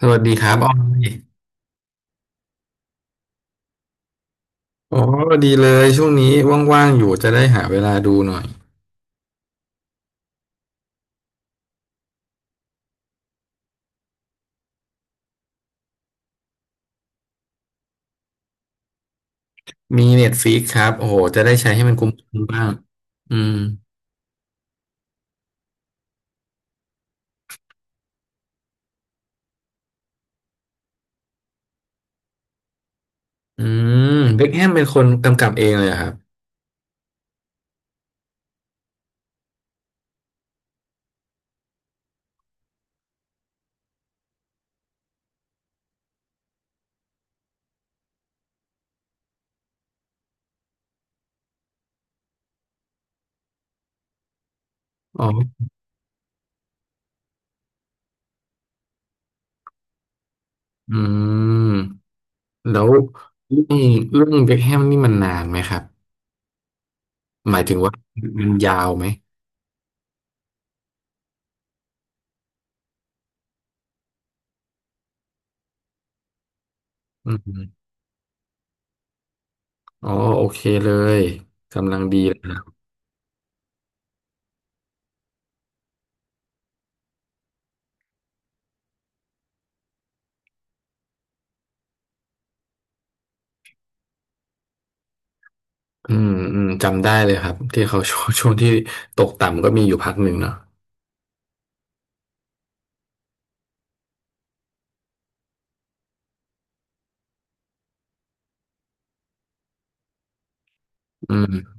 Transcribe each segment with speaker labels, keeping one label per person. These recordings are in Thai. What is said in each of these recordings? Speaker 1: สวัสดีครับออยโอ้ดีเลยช่วงนี้ว่างๆอยู่จะได้หาเวลาดูหน่อยมีเน็ตฟ i ิกครับโอ้โหจะได้ใช้ให้มันคุ้มๆบ้างอืมอืมเบ็คแฮมเป็นคนกำกับเองเลยเหรอครับอ๋ออืมแล้วเรื่องเบ็คแฮมนี่มันนานไหมครับหมายถึงว่ามันยาวไหมอืมอ๋อโอเคเลยกำลังดีเลยนะอืมอืมจำได้เลยครับที่เขา ช่วงที่ตกต่ำก็มีอยู่พักหนึ่งเนาะอืม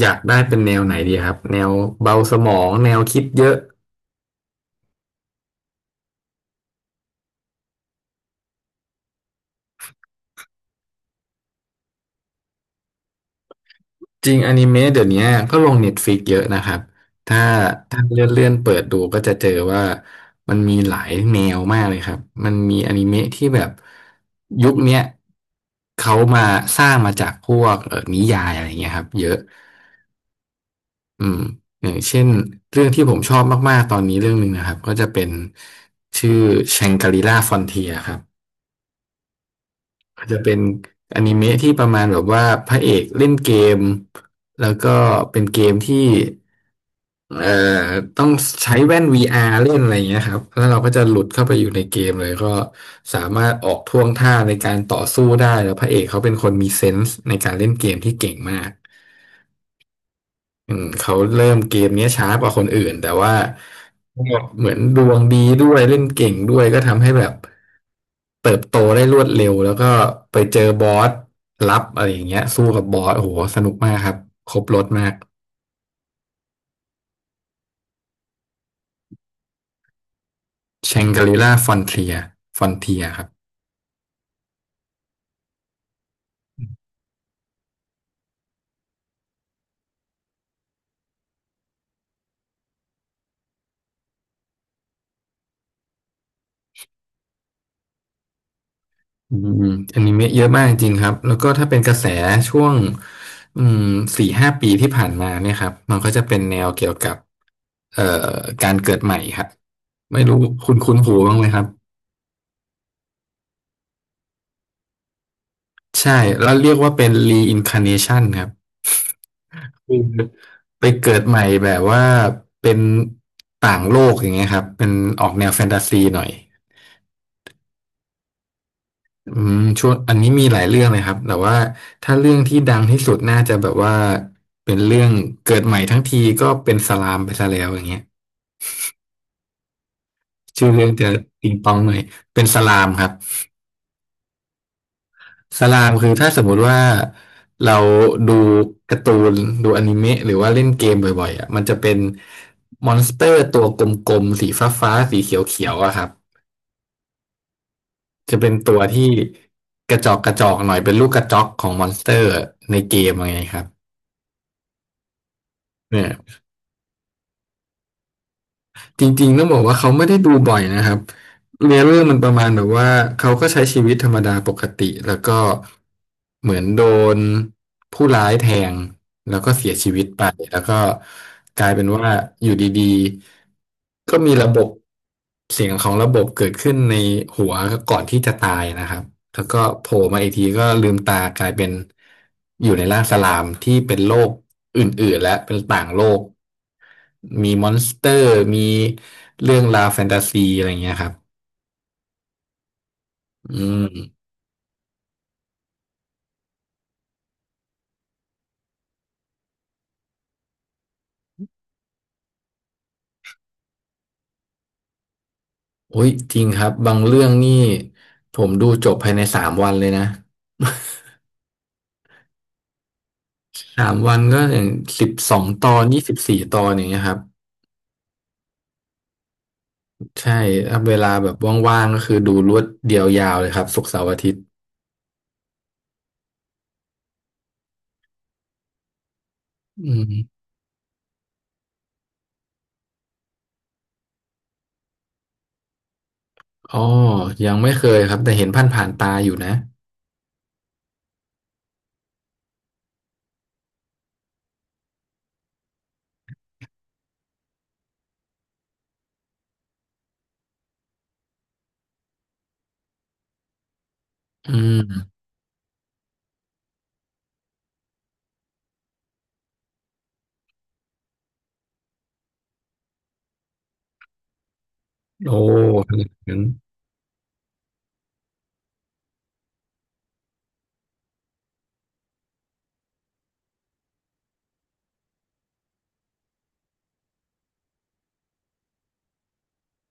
Speaker 1: อยากได้เป็นแนวไหนดีครับแนวเบาสมองแนวคิดเยอะจริงอนิเมะเดี๋ยวนี้ก็ลงเน็ตฟ i ิกเยอะนะครับถ้าถ้าเลื่อนเปิดดูก็จะเจอว่ามันมีหลายแนวมากเลยครับมันมีอนิเมะที่แบบยุคเนี้ยเขามาสร้างมาจากพวกนิยายอะไรเงี้ยครับเยอะอืมอย่างเช่นเรื่องที่ผมชอบมากๆตอนนี้เรื่องหนึ่งนะครับก็จะเป็นชื่อแชงกรีล่าฟอนเทียครับ อาจจะเป็นอนิเมะที่ประมาณแบบว่าพระเอกเล่นเกมแล้วก็เป็นเกมที่เอ่อต้องใช้แว่น VR เล่นอะไรอย่างเงี้ยครับแล้วเราก็จะหลุดเข้าไปอยู่ในเกมเลยก็สามารถออกท่วงท่าในการต่อสู้ได้แล้วพระเอกเขาเป็นคนมีเซนส์ในการเล่นเกมที่เก่งมาก อืมเขาเริ่มเกมเนี้ยช้ากว่าคนอื่นแต่ว่าก็เหมือนดวงดีด้วยเล่นเก่งด้วยก็ทำให้แบบเติบโตได้รวดเร็วแล้วก็ไปเจอบอสลับอะไรอย่างเงี้ยสู้กับบอสโอ้โหสนุกมากครับครบรถมากแชงกรีล่าฟอนเทียครับ อืมอนิเมะเยอะมากจริงครับแล้วก็ถ้าเป็นกระแสช่วงอืมสี่ห้าปีที่ผ่านมาเนี่ยครับมันก็จะเป็นแนวเกี่ยวกับเอ่อการเกิดใหม่ครับไม่รู้คุณคุ้นหูบ้างไหมครับใช่แล้วเรียกว่าเป็น reincarnation ครับคือไปเกิดใหม่แบบว่าเป็นต่างโลกอย่างเงี้ยครับเป็นออกแนวแฟนตาซีหน่อย อืมช่วงอันนี้มีหลายเรื่องเลยครับแต่ว่าถ้าเรื่องที่ดังที่สุดน่าจะแบบว่าเป็นเรื่องเกิดใหม่ทั้งทีก็เป็นสลามไปซะแล้วอย่างเงี้ยชื่อเรื่องจะปิงปองหน่อยเป็นสลามครับสลามคือถ้าสมมุติว่าเราดูการ์ตูนดูอนิเมะหรือว่าเล่นเกมบ่อยๆอ่ะมันจะเป็นมอนสเตอร์ตัวกลมๆสีฟ้าๆสีเขียวๆอะครับจะเป็นตัวที่กระจอกกระจอกหน่อยเป็นลูกกระจอกของมอนสเตอร์ในเกมอะไรเงี้ยครับ จริงๆต้องบอกว่าเขาไม่ได้ดูบ่อยนะครับ เนื้อเรื่เองมันประมาณแบบว่าเขาก็ใช้ชีวิตธรรมดาปกติแล้วก็เหมือนโดนผู้ร้ายแทงแล้วก็เสียชีวิตไปแล้วก็กลายเป็นว่าอยู่ดีๆก็มีระบบเสียงของระบบเกิดขึ้นในหัวก่อนที่จะตายนะครับแล้วก็โผล่มาอีกทีก็ลืมตากลายเป็นอยู่ในร่างสลามที่เป็นโลกอื่นๆและเป็นต่างโลกมีมอนสเตอร์มีเรื่องราวแฟนตาซีอะไรอย่างเงี้ยครับ อืม โอ้ยจริงครับ บางเรื่องนี่ผมดูจบภายในสามวันเลยนะสามวันก็อย่างสิบสองตอนยี่สิบสี่ตอนอย่างเงี้ยครับ ใช่ถ้าเวลาแบบว่างๆก็คือดูรวดเดียวยาวเลยครับศุกร์เสาร์อาทิตย์อืมอ๋อ ยังไม่เคยครับแต่เห็นผ่านตาอยู่นะอืมโอ้นึกถึง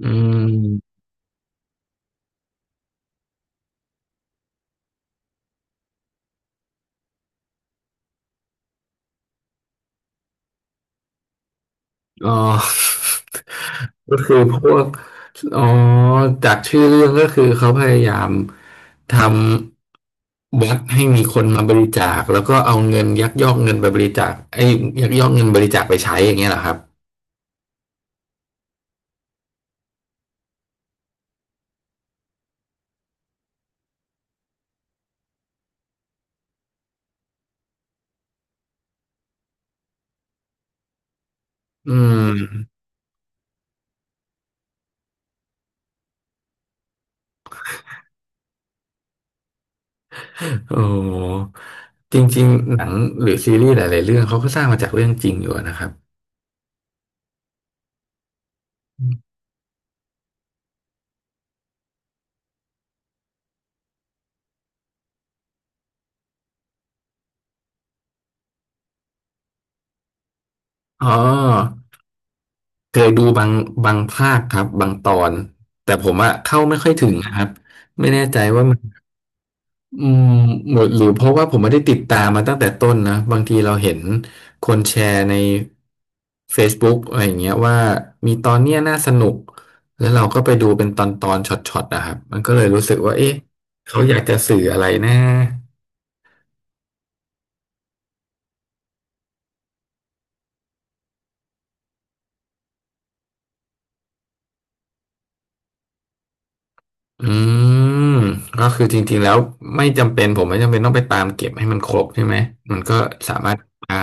Speaker 1: อืม อ๋อ ก็คือพวกอ๋อจากชื่อเรื่องก็คือเขาพยายามทำวัดให้มีคนมาบริจาคแล้วก็เอาเงินยักยอกเงินไปบริจาคไอ้ยยักยอกเงินบริจาคไปใช้อย่างเงี้ยเหรอครับอืมโอ้จริงๆหนังหรือซีรีส์หลายๆเรื่องเขาก็สร้างมาจากเรื่องจริงอยู่นะครับอ๋อเคยดูบางภาคครับบางตอนแต่ผมอะเข้าไม่ค่อยถึงนะครับไม่แน่ใจว่ามัน อืมหมดหรือเพราะว่าผมไม่ได้ติดตามมาตั้งแต่ต้นนะบางทีเราเห็นคนแชร์ใน Facebook อะไรอย่างเงี้ยว่ามีตอนเนี้ยน่าสนุกแล้วเราก็ไปดูเป็นตอนช็อตๆนะครับมันก็เลยรู้สึกว่าเอ๊ะเขาอยากจะสื่ออะไรนะอืมก็คือจริงๆแล้วไม่จำเป็นผมไม่จำเป็นต้องไปตามเก็บให้มันครบใช่ไหมมันก็สามารถได้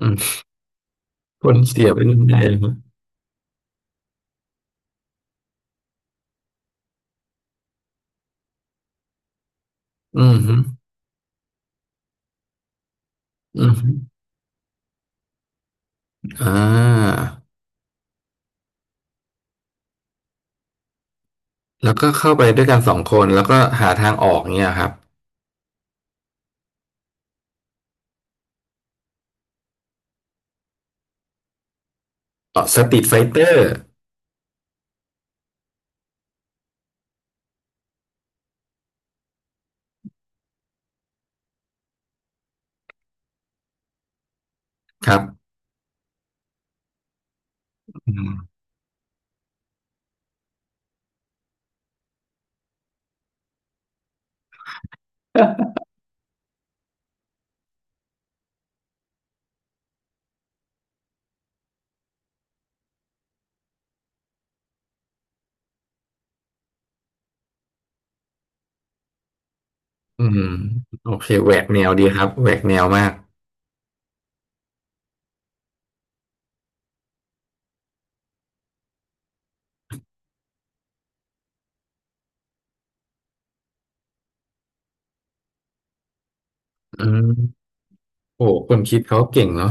Speaker 1: อืมคนเสียไปเรื่อยๆเลยครับอืมฮึอืมฮึอ่า แล้วก็เข้าไปด้วยกันสองคนแล้วก็หาทางออกเนี่ยครับต่อสตรีทไฟเตอร์ครับอืมอืมโอเคแหวกแนวดีครับแหวกแนวมากอืมโอ้คนคิดเขาเก่งเนาะ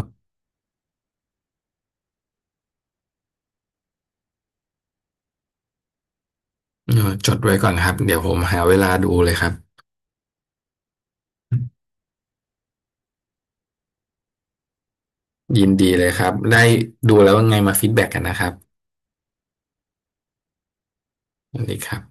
Speaker 1: เออจดไว้ก่อนครับเดี๋ยวผมหาเวลาดูเลยครับยินดีเลยครับได้ดูแล้วว่าไงมาฟีดแบ็กกันนะครับสวัสดีครับ